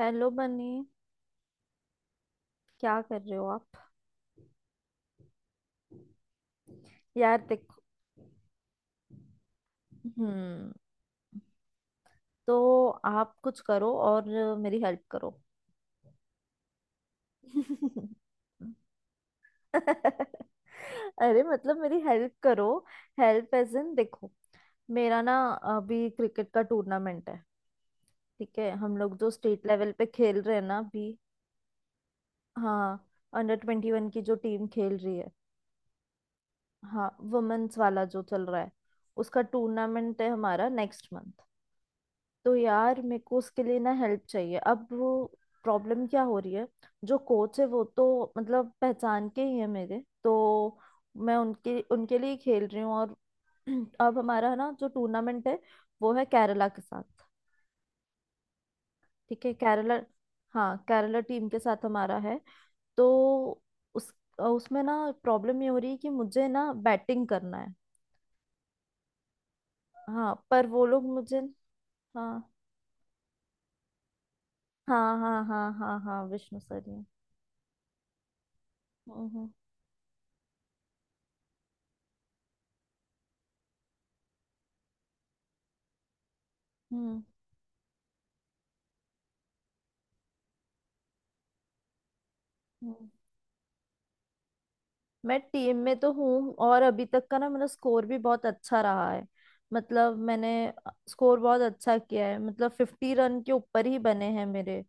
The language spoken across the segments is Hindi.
हेलो बनी। क्या कर रहे हो आप? यार देखो। हम्म। तो आप कुछ करो और मेरी हेल्प करो। अरे मतलब मेरी हेल्प करो। हेल्प एज इन देखो, मेरा ना अभी क्रिकेट का टूर्नामेंट है। ठीक है, हम लोग जो स्टेट लेवल पे खेल रहे हैं ना अभी। हाँ, अंडर 21 की जो टीम खेल रही है, हाँ वुमेन्स वाला जो चल रहा है, उसका टूर्नामेंट है हमारा नेक्स्ट मंथ। तो यार मेरे को उसके लिए ना हेल्प चाहिए। अब वो प्रॉब्लम क्या हो रही है, जो कोच है वो तो मतलब पहचान के ही है मेरे तो। मैं उनके उनके लिए ही खेल रही हूँ और अब हमारा ना जो टूर्नामेंट है, वो है केरला के साथ। ठीक है केरला। हाँ केरला टीम के साथ हमारा है। तो उस उसमें ना प्रॉब्लम ये हो रही है कि मुझे ना बैटिंग करना है। हाँ पर वो लोग मुझे। हाँ हाँ हाँ हाँ हाँ हाँ, विष्णु सर ही हैं। हम्म। हम्म हम्म। मैं टीम में तो हूँ और अभी तक का ना मेरा स्कोर भी बहुत अच्छा रहा है। मतलब मैंने स्कोर बहुत अच्छा किया है, मतलब 50 रन के ऊपर ही बने हैं मेरे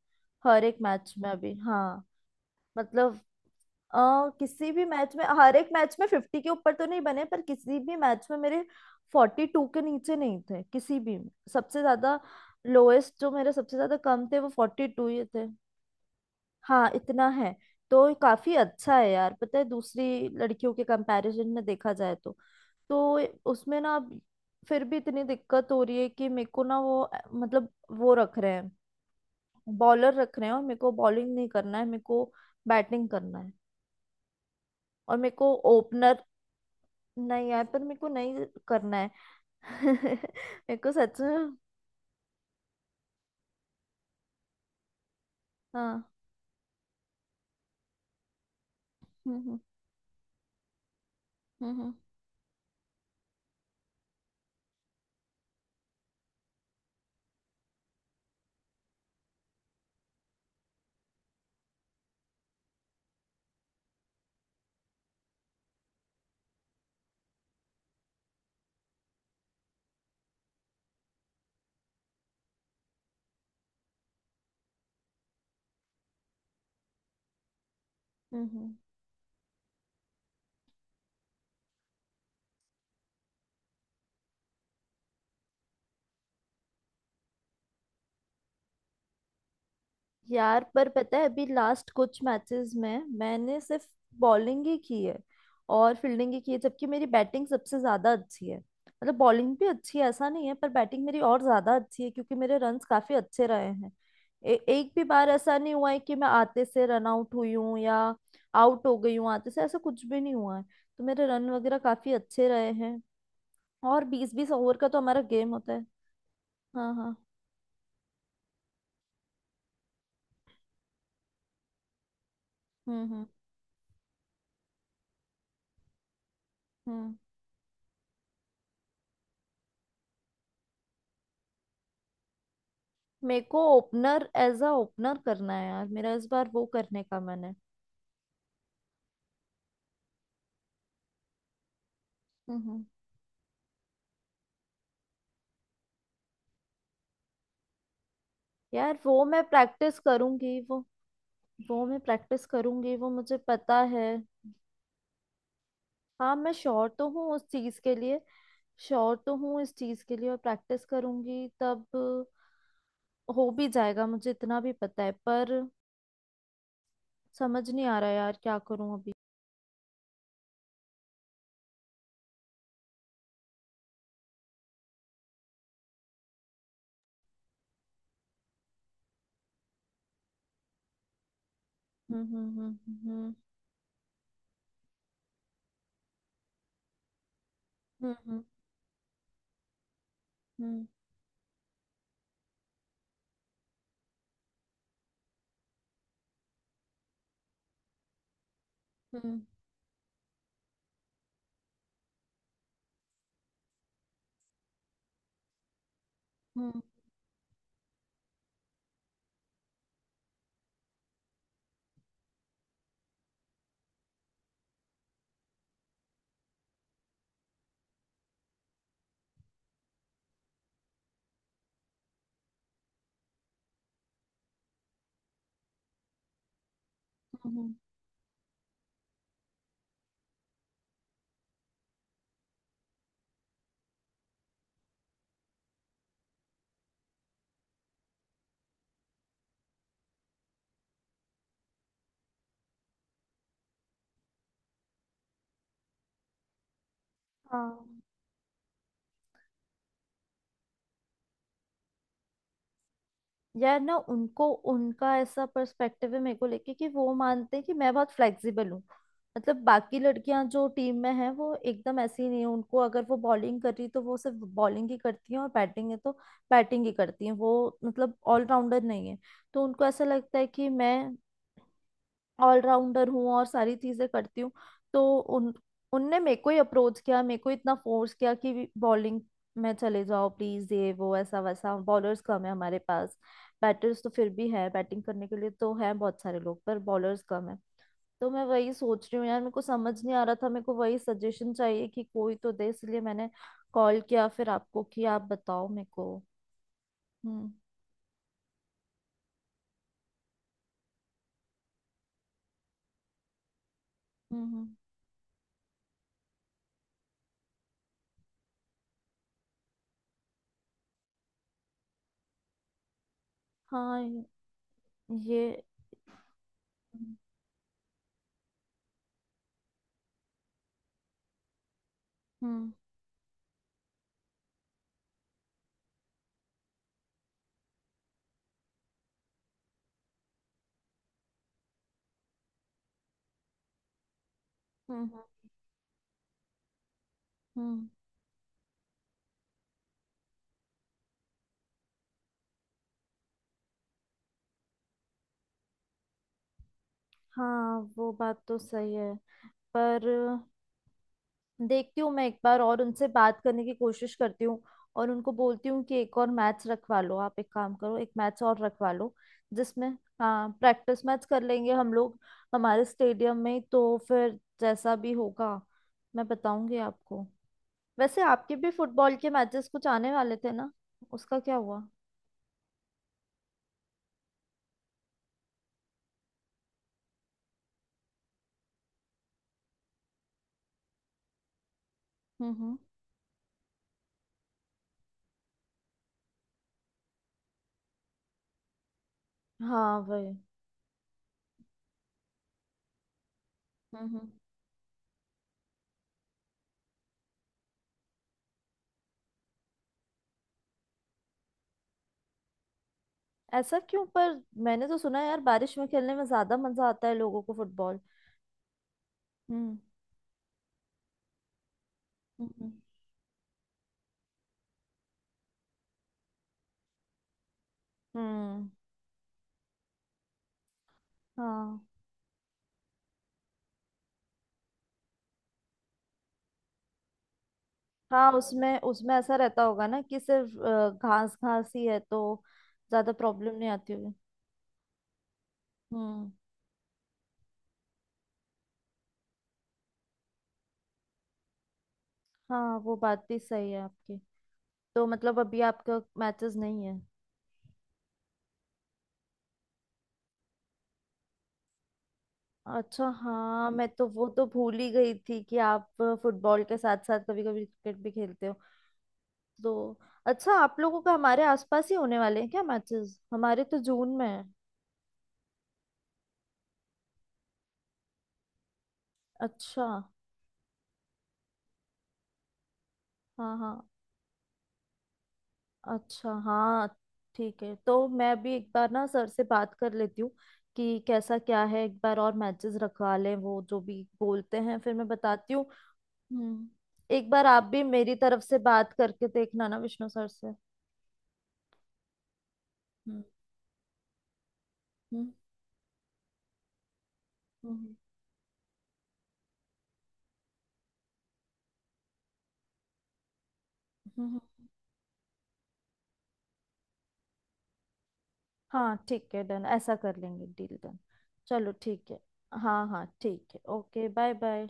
हर एक मैच में अभी। हाँ मतलब किसी भी मैच में, हर एक मैच में 50 के ऊपर तो नहीं बने पर किसी भी मैच में मेरे 42 के नीचे नहीं थे किसी भी में। सबसे ज्यादा लोएस्ट जो मेरे, सबसे ज्यादा कम थे वो 42 ही थे। हाँ इतना है। तो ये काफी अच्छा है यार, पता है दूसरी लड़कियों के कंपैरिजन में देखा जाए तो। तो उसमें ना अब फिर भी इतनी दिक्कत हो रही है कि मेरे को ना वो मतलब वो रख रहे हैं, बॉलर रख रहे हैं और मेरे को बॉलिंग नहीं करना है, मेरे को बैटिंग करना है। और मेरे को ओपनर नहीं आए पर मेरे को नहीं करना है। मेरे को सच में। हाँ। हम्म हम्म हम्म। हम्म, हम्म। यार पर पता है अभी लास्ट कुछ मैचेस में मैंने सिर्फ बॉलिंग ही की है और फील्डिंग ही की है, जबकि मेरी बैटिंग सबसे ज्यादा अच्छी है। मतलब बॉलिंग भी अच्छी है ऐसा नहीं है, पर बैटिंग मेरी और ज्यादा अच्छी है क्योंकि मेरे रन्स काफी अच्छे रहे हैं। ए एक भी बार ऐसा नहीं हुआ है कि मैं आते से रन आउट हुई हूँ या आउट हो गई हूँ आते से, ऐसा कुछ भी नहीं हुआ है। तो मेरे रन वगैरह काफी अच्छे रहे हैं। और 20-20 ओवर का तो हमारा गेम होता है। हाँ हाँ। हम्म हम्म हम्म। मेरे को ओपनर, एज अ ओपनर करना है यार, मेरा इस बार वो करने का मन है। हम्म। यार वो मैं प्रैक्टिस करूंगी वो मैं प्रैक्टिस करूंगी वो मुझे पता है। हाँ मैं श्योर तो हूँ उस चीज के लिए। श्योर तो हूँ इस चीज के लिए, और प्रैक्टिस करूंगी तब हो भी जाएगा, मुझे इतना भी पता है। पर समझ नहीं आ रहा यार, क्या करूं अभी। हम्म हम्म हम्म हम्म हम्म हम्म हम्म हम्म हम्म हम्म। हाँ। यार ना उनको उनका ऐसा पर्सपेक्टिव है मेरे को लेके कि वो मानते हैं कि मैं बहुत फ्लेक्सिबल हूँ। मतलब बाकी लड़कियां जो टीम में हैं वो एकदम ऐसी नहीं है, उनको अगर वो बॉलिंग कर रही तो वो सिर्फ बॉलिंग ही करती हैं, और बैटिंग है तो बैटिंग ही करती हैं वो। मतलब ऑलराउंडर नहीं है। तो उनको ऐसा लगता है कि मैं ऑलराउंडर हूँ और सारी चीजें करती हूँ। तो उन उनने मेरे को ही अप्रोच किया, मेरे को इतना फोर्स किया कि बॉलिंग में चले जाओ प्लीज, ये वो ऐसा वैसा, बॉलर्स कम है हमारे पास। बैटर्स तो फिर भी है, बैटिंग करने के लिए तो है बहुत सारे लोग, पर बॉलर्स कम है। तो मैं वही सोच रही हूँ यार, मेरे को समझ नहीं आ रहा था, मेरे को वही सजेशन चाहिए कि कोई तो दे, इसलिए मैंने कॉल किया फिर आपको कि आप बताओ मेरे को। हम्म हम्म हम्म, हाँ। ये। हम्म हम्म हम्म हम्म। हाँ वो बात तो सही है। पर देखती हूँ, मैं एक बार और उनसे बात करने की कोशिश करती हूँ और उनको बोलती हूँ कि एक और मैथ्स रखवा लो। आप एक काम करो, एक मैथ्स और रखवा लो, जिसमें, हाँ प्रैक्टिस मैच कर लेंगे हम लोग, हमारे स्टेडियम में ही। तो फिर जैसा भी होगा मैं बताऊंगी आपको। वैसे आपके भी फुटबॉल के मैचेस कुछ आने वाले थे ना, उसका क्या हुआ? हम्म। हाँ वही। हम्म। ऐसा क्यों पर? मैंने तो सुना है यार बारिश में खेलने में ज्यादा मजा आता है लोगों को, फुटबॉल। हम्म हम्म हम्म। हाँ हाँ उसमें, उसमें ऐसा रहता होगा ना कि सिर्फ घास घास ही है, तो ज्यादा प्रॉब्लम नहीं आती होगी। हम्म। हाँ वो बात भी सही है आपकी। तो मतलब अभी आपका मैचेस नहीं है? अच्छा हाँ, मैं तो वो तो भूल ही गई थी कि आप फुटबॉल के साथ साथ कभी कभी क्रिकेट भी खेलते हो। दो, अच्छा आप लोगों का हमारे आसपास ही होने वाले हैं क्या मैचेस? हमारे तो जून में है। अच्छा। हाँ हाँ। अच्छा हाँ ठीक है, तो मैं भी एक बार ना सर से बात कर लेती हूँ कि कैसा क्या है, एक बार और मैचेस रखवा लें, वो जो भी बोलते हैं फिर मैं बताती हूँ। हम्म। एक बार आप भी मेरी तरफ से बात करके देखना ना विष्णु सर से। हम्म हम्म हम्म, हम्म, हम्म, हम्म। हाँ ठीक है डन, ऐसा कर लेंगे, डील डन। चलो ठीक है। हाँ हाँ ठीक है ओके, बाय बाय।